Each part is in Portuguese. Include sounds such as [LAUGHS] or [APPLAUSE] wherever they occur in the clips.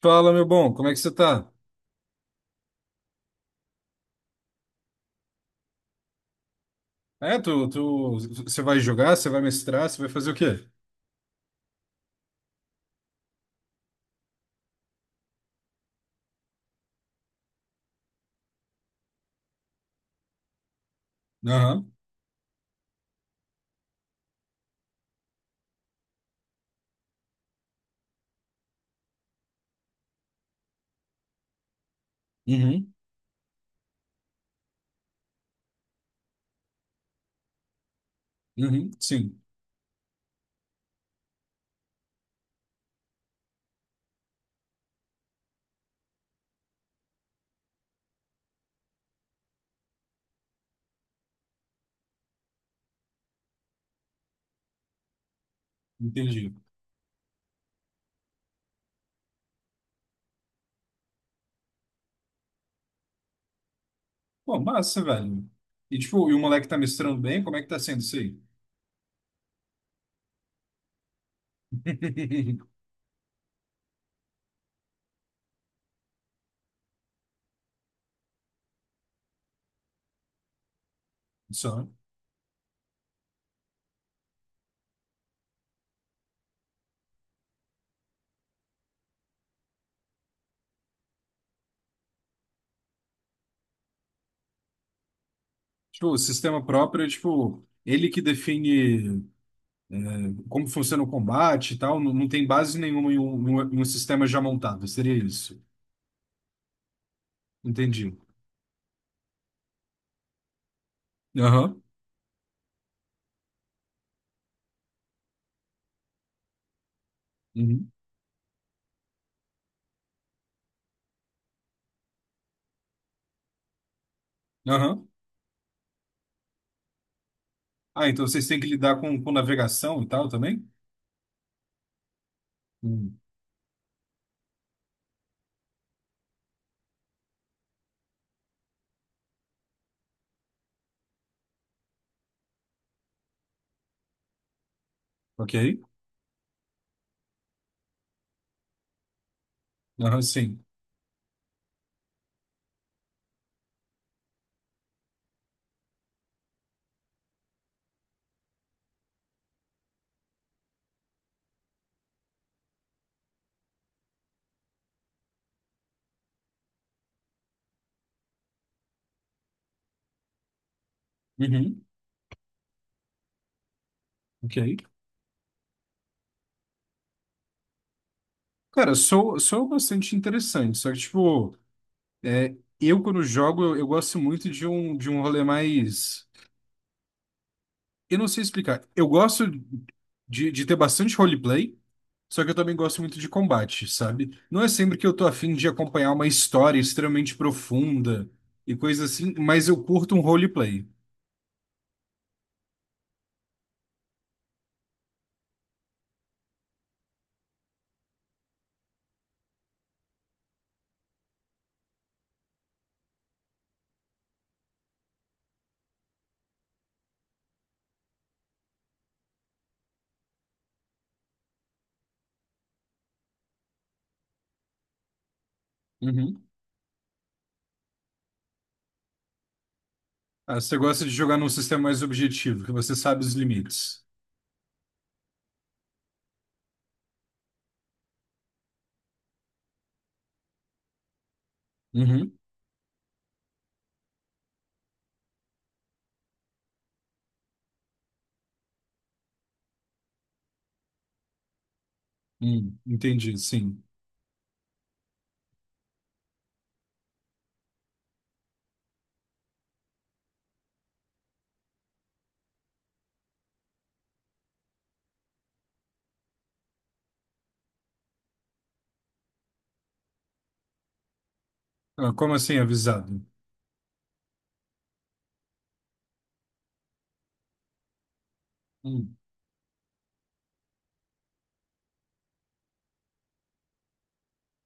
Fala, meu bom, como é que você tá? É, você vai jogar, você vai mestrar, você vai fazer o quê? Aham. Uhum. Uhum, sim. Entendi. Pô, massa, velho. E, tipo, e o moleque tá mestrando bem, como é que tá sendo isso aí? [LAUGHS] Só. Tipo, o sistema próprio é, tipo, ele que define como funciona o combate e tal, não, tem base nenhuma em um sistema já montado, seria isso. Entendi. Aham. Uhum. Aham. Ah, então vocês têm que lidar com navegação e tal também? Ok? Aham, sim. Uhum, ok. Cara, sou bastante interessante, só que, tipo, é, eu quando jogo, eu gosto muito de um rolê mais. Eu não sei explicar. Eu gosto de ter bastante roleplay, só que eu também gosto muito de combate, sabe? Não é sempre que eu tô afim de acompanhar uma história extremamente profunda e coisa assim, mas eu curto um roleplay. Uhum. Ah, você gosta de jogar num sistema mais objetivo, que você sabe os limites. Uhum. Entendi, sim. Ah, como assim avisado? Hum,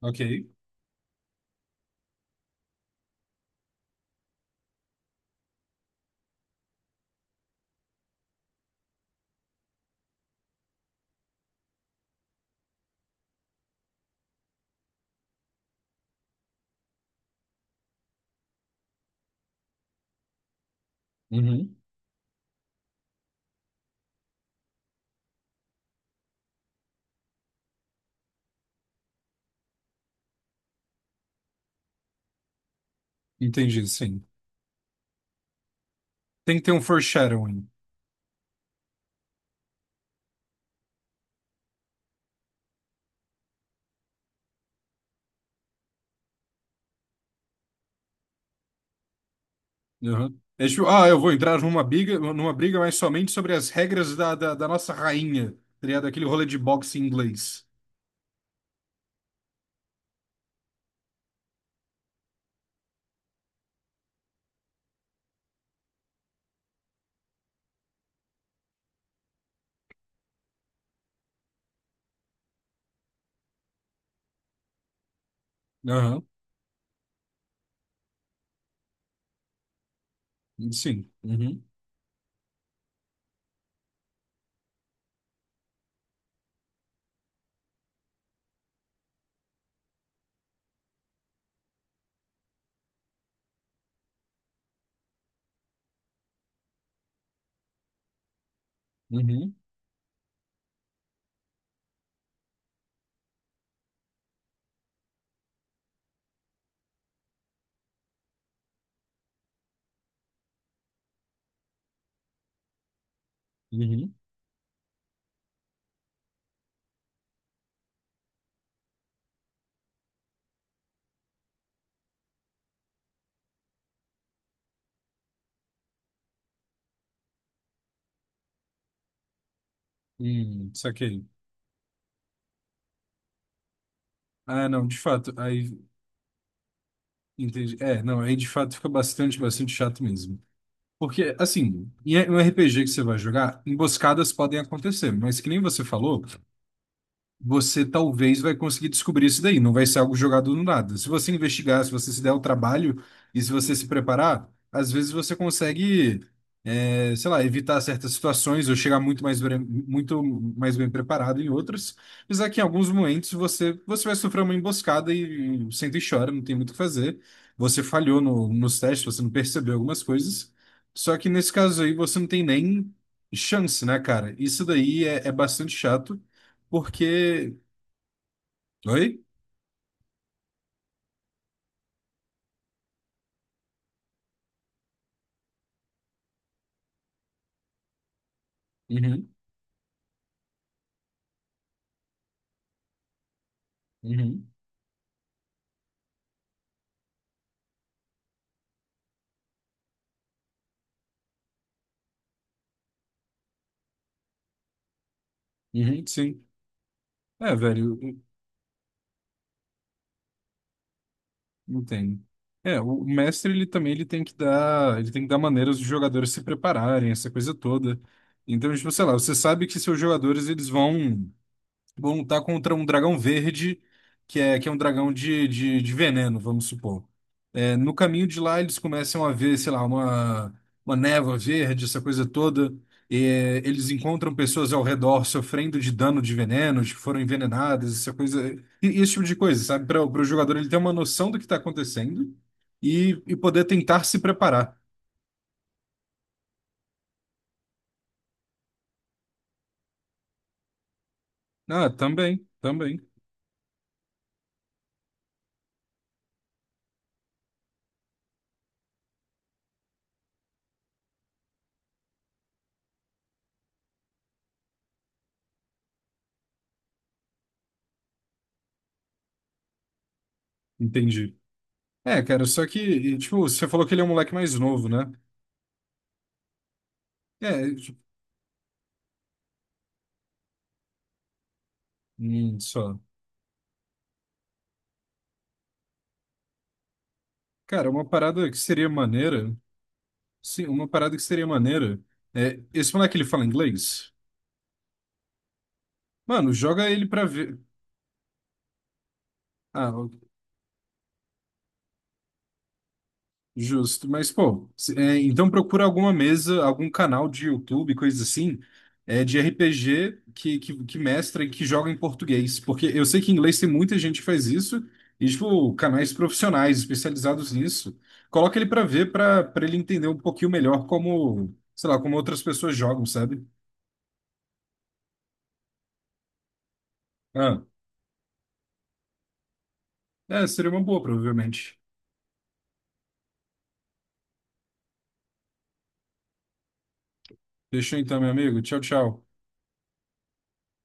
ok. Uhum. Entendi, sim. Tem que ter um foreshadowing. Uhum. É tipo, ah, eu vou entrar numa briga, mas somente sobre as regras da nossa rainha, teria aquele rolê de boxe em inglês. Aham. Sim. Uhum. Uhum. Uhum. Saquei. Ah, não, de fato, aí entendi. É, não, aí de fato fica bastante, bastante chato mesmo. Porque, assim, em um RPG que você vai jogar, emboscadas podem acontecer, mas que nem você falou. Você talvez vai conseguir descobrir isso daí. Não vai ser algo jogado no nada. Se você investigar, se você se der o trabalho e se você se preparar, às vezes você consegue, sei lá, evitar certas situações ou chegar muito mais, muito mais bem preparado em outras. Apesar que em alguns momentos você vai sofrer uma emboscada e senta e chora, não tem muito o que fazer. Você falhou nos testes, você não percebeu algumas coisas. Só que nesse caso aí você não tem nem chance, né, cara? Isso daí é bastante chato porque Oi? Uhum. Uhum. Uhum, sim. É, velho, eu entendo. É, o mestre ele também ele tem que dar, ele tem que dar maneiras dos jogadores se prepararem, essa coisa toda. Então, tipo, sei lá, você sabe que seus jogadores eles vão vou lutar contra um dragão verde, que é um dragão de veneno, vamos supor. É, no caminho de lá, eles começam a ver, sei lá, uma névoa verde, essa coisa toda. E, é, eles encontram pessoas ao redor sofrendo de dano de venenos, que foram envenenadas, essa coisa. E esse tipo de coisa, sabe? Para o jogador ele ter uma noção do que está acontecendo e poder tentar se preparar. Ah, também, também. Entendi. É, cara, só que, e, tipo, você falou que ele é um moleque mais novo, né? É. Só. Cara, uma parada que seria maneira. Sim, uma parada que seria maneira. É, esse moleque ele fala inglês? Mano, joga ele pra ver. Ah, justo. Mas, pô, é, então procura alguma mesa, algum canal de YouTube, coisa assim, é, de RPG que mestra e que joga em português. Porque eu sei que em inglês tem muita gente que faz isso, e, tipo, canais profissionais especializados nisso. Coloca ele pra ver, pra ele entender um pouquinho melhor como, sei lá, como outras pessoas jogam, sabe? Ah. É, seria uma boa, provavelmente. Deixa então, meu amigo. Tchau, tchau.